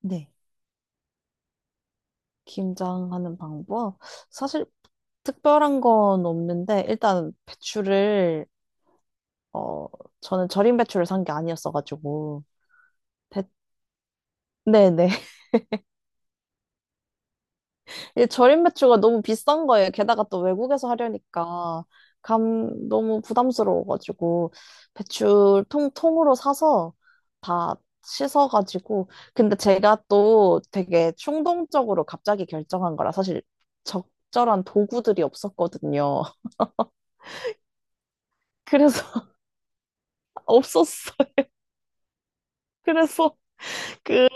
네. 김장하는 방법? 사실 특별한 건 없는데 일단 배추를 어 저는 절임 배추를 산 게 아니었어가지고 배- 네네 이 절임 배추가 너무 비싼 거예요. 게다가 또 외국에서 하려니까 감 너무 부담스러워가지고 배추 통 통으로 사서 다 씻어가지고, 근데 제가 또 되게 충동적으로 갑자기 결정한 거라 사실 적절한 도구들이 없었거든요. 그래서 없었어요. 그래서 그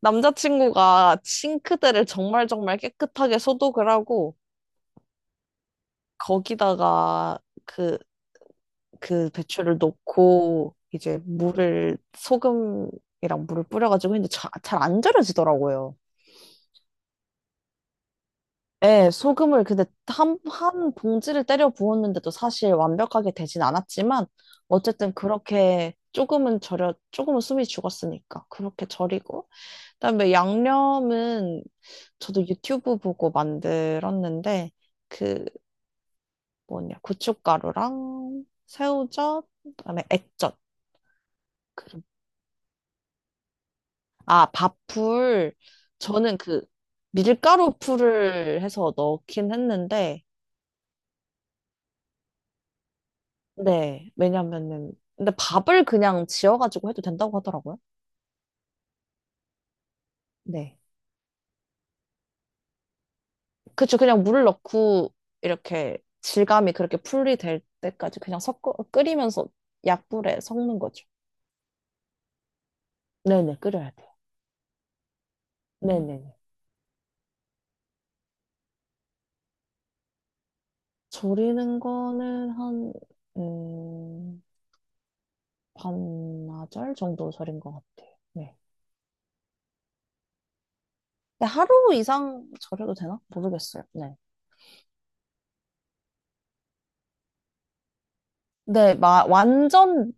남자친구가 싱크대를 정말 정말 깨끗하게 소독을 하고 거기다가 그, 그 배추를 넣고, 이제 물을 소금이랑 물을 뿌려가지고 했는데 잘 안 절여지더라고요. 예, 소금을 근데 한, 한 봉지를 때려 부었는데도 사실 완벽하게 되진 않았지만 어쨌든 그렇게 조금은 숨이 죽었으니까 그렇게 절이고, 그다음에 양념은 저도 유튜브 보고 만들었는데 그 뭐냐, 고춧가루랑 새우젓, 그다음에 액젓, 그리고 아, 밥풀. 저는 그 밀가루 풀을 해서 넣긴 했는데, 네, 왜냐면은 근데 밥을 그냥 지어가지고 해도 된다고 하더라고요. 네, 그쵸. 그냥 물을 넣고 이렇게 질감이 그렇게 풀이 될 때까지 그냥 섞어 끓이면서 약불에 섞는 거죠. 네네, 끓여야 돼요. 네네네. 절이는 거는 한, 음, 반나절 정도 절인 것 같아요. 네. 근데 하루 이상 절여도 되나? 모르겠어요. 네. 네, 마, 완전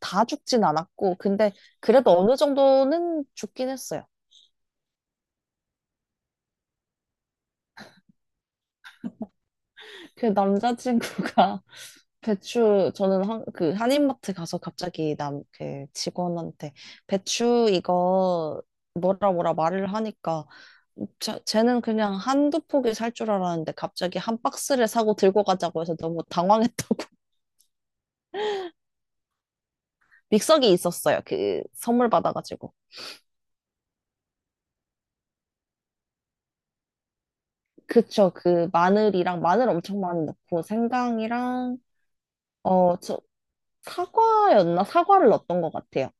다 죽진 않았고, 근데 그래도 어느 정도는 죽긴 했어요. 그 남자친구가 배추, 저는 한, 그 한인마트 가서 갑자기 남 그 직원한테 배추 이거 뭐라 뭐라 말을 하니까, 자, 쟤는 그냥 한두 포기 살 줄 알았는데 갑자기 한 박스를 사고 들고 가자고 해서 너무 당황했다고. 믹서기 있었어요, 그 선물 받아가지고. 그쵸, 그 마늘이랑, 마늘 엄청 많이 넣고, 생강이랑 어 저 사과였나, 사과를 넣었던 것 같아요.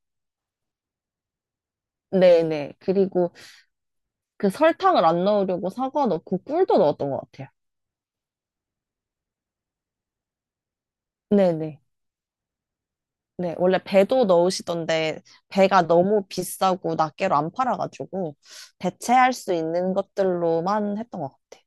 네네. 그리고 그 설탕을 안 넣으려고 사과 넣고 꿀도 넣었던 것 같아요. 네네. 네, 원래 배도 넣으시던데 배가 너무 비싸고 낱개로 안 팔아가지고 대체할 수 있는 것들로만 했던 것 같아요.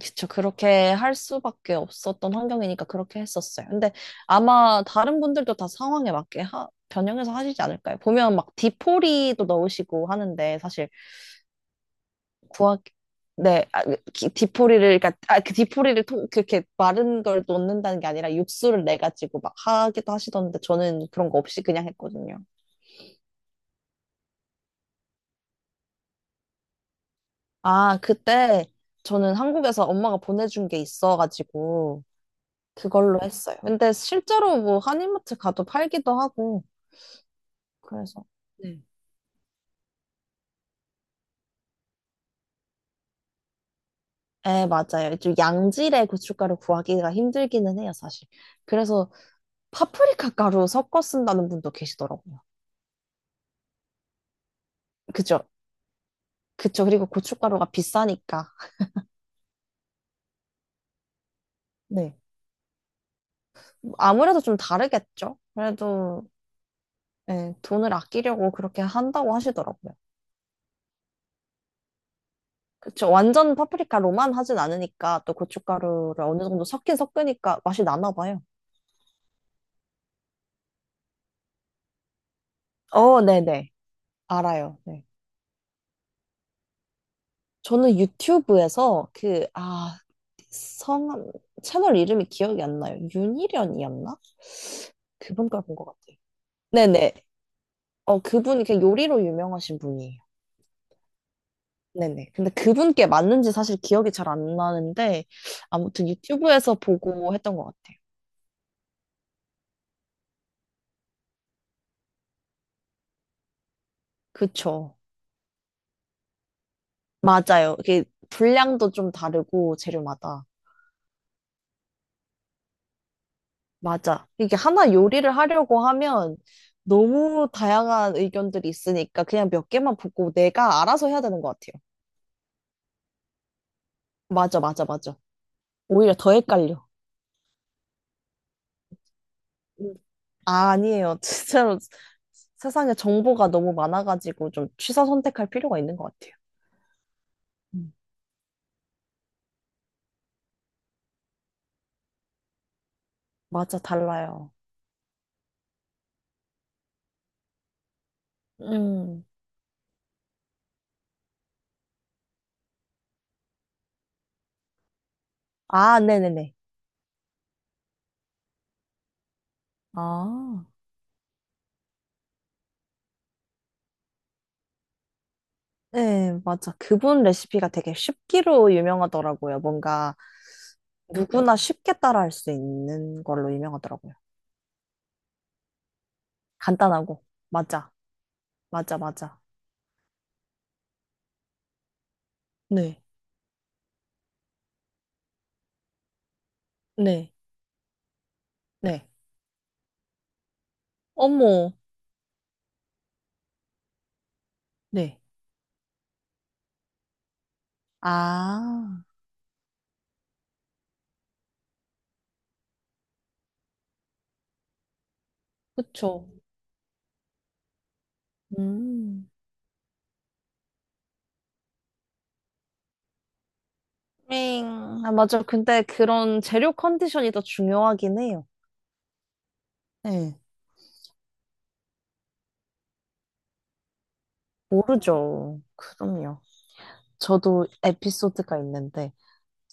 그쵸. 그렇게 할 수밖에 없었던 환경이니까 그렇게 했었어요. 근데 아마 다른 분들도 다 상황에 맞게 변형해서 하시지 않을까요? 보면 막 디포리도 넣으시고 하는데 사실 구하 기 네, 아, 그 디포리를, 그러니까 아, 그 디포리를 통, 그렇게 마른 걸 넣는다는 게 아니라 육수를 내 가지고 막 하기도 하시던데 저는 그런 거 없이 그냥 했거든요. 아, 그때 저는 한국에서 엄마가 보내준 게 있어가지고 그걸로 했어요. 근데 실제로 뭐 한인마트 가도 팔기도 하고 그래서. 네. 네, 맞아요. 좀 양질의 고춧가루 구하기가 힘들기는 해요, 사실. 그래서 파프리카 가루 섞어 쓴다는 분도 계시더라고요. 그죠? 그쵸. 그리고 고춧가루가 비싸니까. 네. 아무래도 좀 다르겠죠? 그래도, 예, 돈을 아끼려고 그렇게 한다고 하시더라고요. 그쵸. 완전 파프리카로만 하진 않으니까 또 고춧가루를 어느 정도 섞긴 섞으니까 맛이 나나 봐요. 어, 네네. 알아요. 네. 저는 유튜브에서 그, 아, 성함, 채널 이름이 기억이 안 나요. 윤희련이었나? 그분 걸 본 것 같아요. 네네. 어, 그분이 그냥 요리로 유명하신 분이에요. 네네. 근데 그분께 맞는지 사실 기억이 잘 안 나는데, 아무튼 유튜브에서 보고 했던 것 같아요. 그쵸. 맞아요. 이게 분량도 좀 다르고, 재료마다. 맞아, 이게 하나 요리를 하려고 하면 너무 다양한 의견들이 있으니까 그냥 몇 개만 보고 내가 알아서 해야 되는 것 같아요. 맞아, 맞아, 맞아. 오히려 더 헷갈려. 음. 아, 아니에요. 진짜로 세상에 정보가 너무 많아가지고 좀 취사 선택할 필요가 있는 것 같아요. 음. 맞아, 달라요. 음. 아, 네네네. 아, 네, 맞아. 그분 레시피가 되게 쉽기로 유명하더라고요. 뭔가 누구나 쉽게 따라할 수 있는 걸로 유명하더라고요. 간단하고. 맞아. 맞아, 맞아. 네, 네. 네. 어머, 네. 아, 그쵸. 음, 밍. 아, 맞아. 근데 그런 재료 컨디션이 더 중요하긴 해요. 네. 모르죠. 그럼요. 저도 에피소드가 있는데.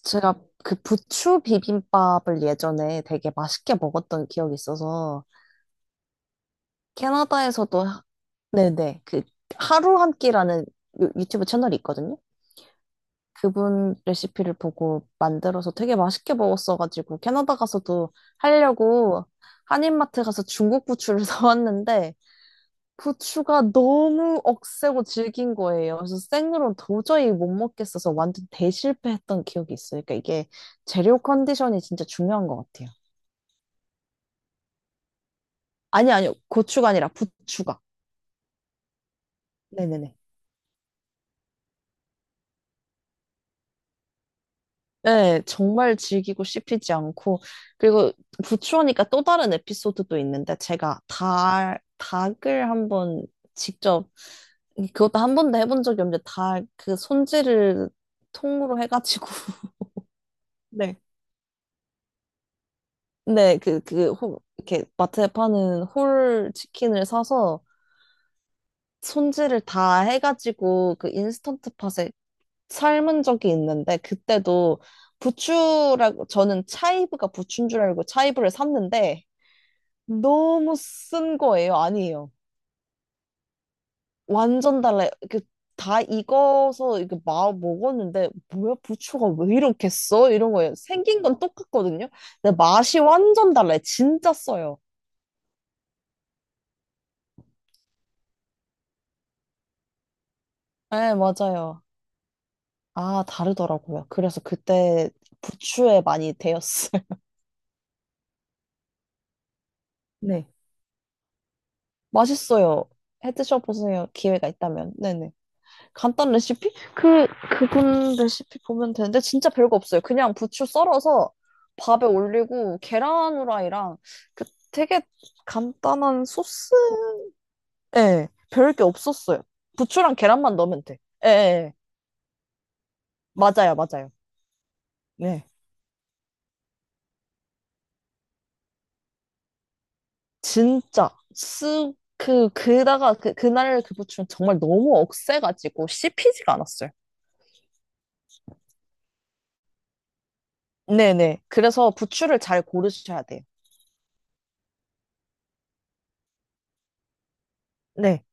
제가 그 부추 비빔밥을 예전에 되게 맛있게 먹었던 기억이 있어서 캐나다에서도 네네, 그 하루 한 끼라는 유튜브 채널이 있거든요. 그분 레시피를 보고 만들어서 되게 맛있게 먹었어가지고 캐나다 가서도 하려고 한인마트 가서 중국 부추를 사왔는데, 부추가 너무 억세고 질긴 거예요. 그래서 생으로는 도저히 못 먹겠어서 완전 대실패했던 기억이 있어요. 그러니까 이게 재료 컨디션이 진짜 중요한 것 같아요. 아니, 아니요. 고추가 아니라 부추가. 네네네. 네, 정말 질기고 씹히지 않고. 그리고 부추하니까 또 다른 에피소드도 있는데, 제가 닭 닭을 한번 직접, 그것도 한 번도 해본 적이 없는데, 닭 그 손질을 통으로 해가지고. 네. 네, 그, 그, 호, 이렇게 마트에 파는 홀 치킨을 사서 손질을 다 해가지고 그 인스턴트 팟에 삶은 적이 있는데, 그때도 부추라고 저는 차이브가 부추인 줄 알고 차이브를 샀는데 너무 쓴 거예요. 아니에요. 완전 달라요. 그 다 익어서 이게 마 먹었는데, 뭐야 부추가 왜 이렇게 써? 이런 거예요. 생긴 건 똑같거든요. 근데 맛이 완전 달라요. 진짜 써요. 네, 맞아요. 아, 다르더라고요. 그래서 그때 부추에 많이 데였어요. 네. 맛있어요. 해 드셔보세요. 기회가 있다면. 네네. 간단 레시피? 그, 그분 레시피 보면 되는데, 진짜 별거 없어요. 그냥 부추 썰어서 밥에 올리고, 계란 후라이랑, 그 되게 간단한 소스? 예, 별게 없었어요. 부추랑 계란만 넣으면 돼. 예, 예, 예. 맞아요, 맞아요. 네. 진짜, 쓱, 그, 그다가, 그, 그날 그 부추는 정말 너무 억세가지고 씹히지가 않았어요. 네네. 그래서 부추를 잘 고르셔야 돼요. 네.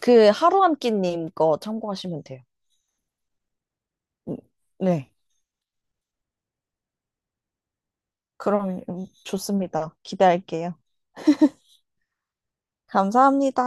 그 하루한 끼님 거 참고하시면 돼요. 음, 네. 그럼 좋습니다. 기대할게요. 감사합니다.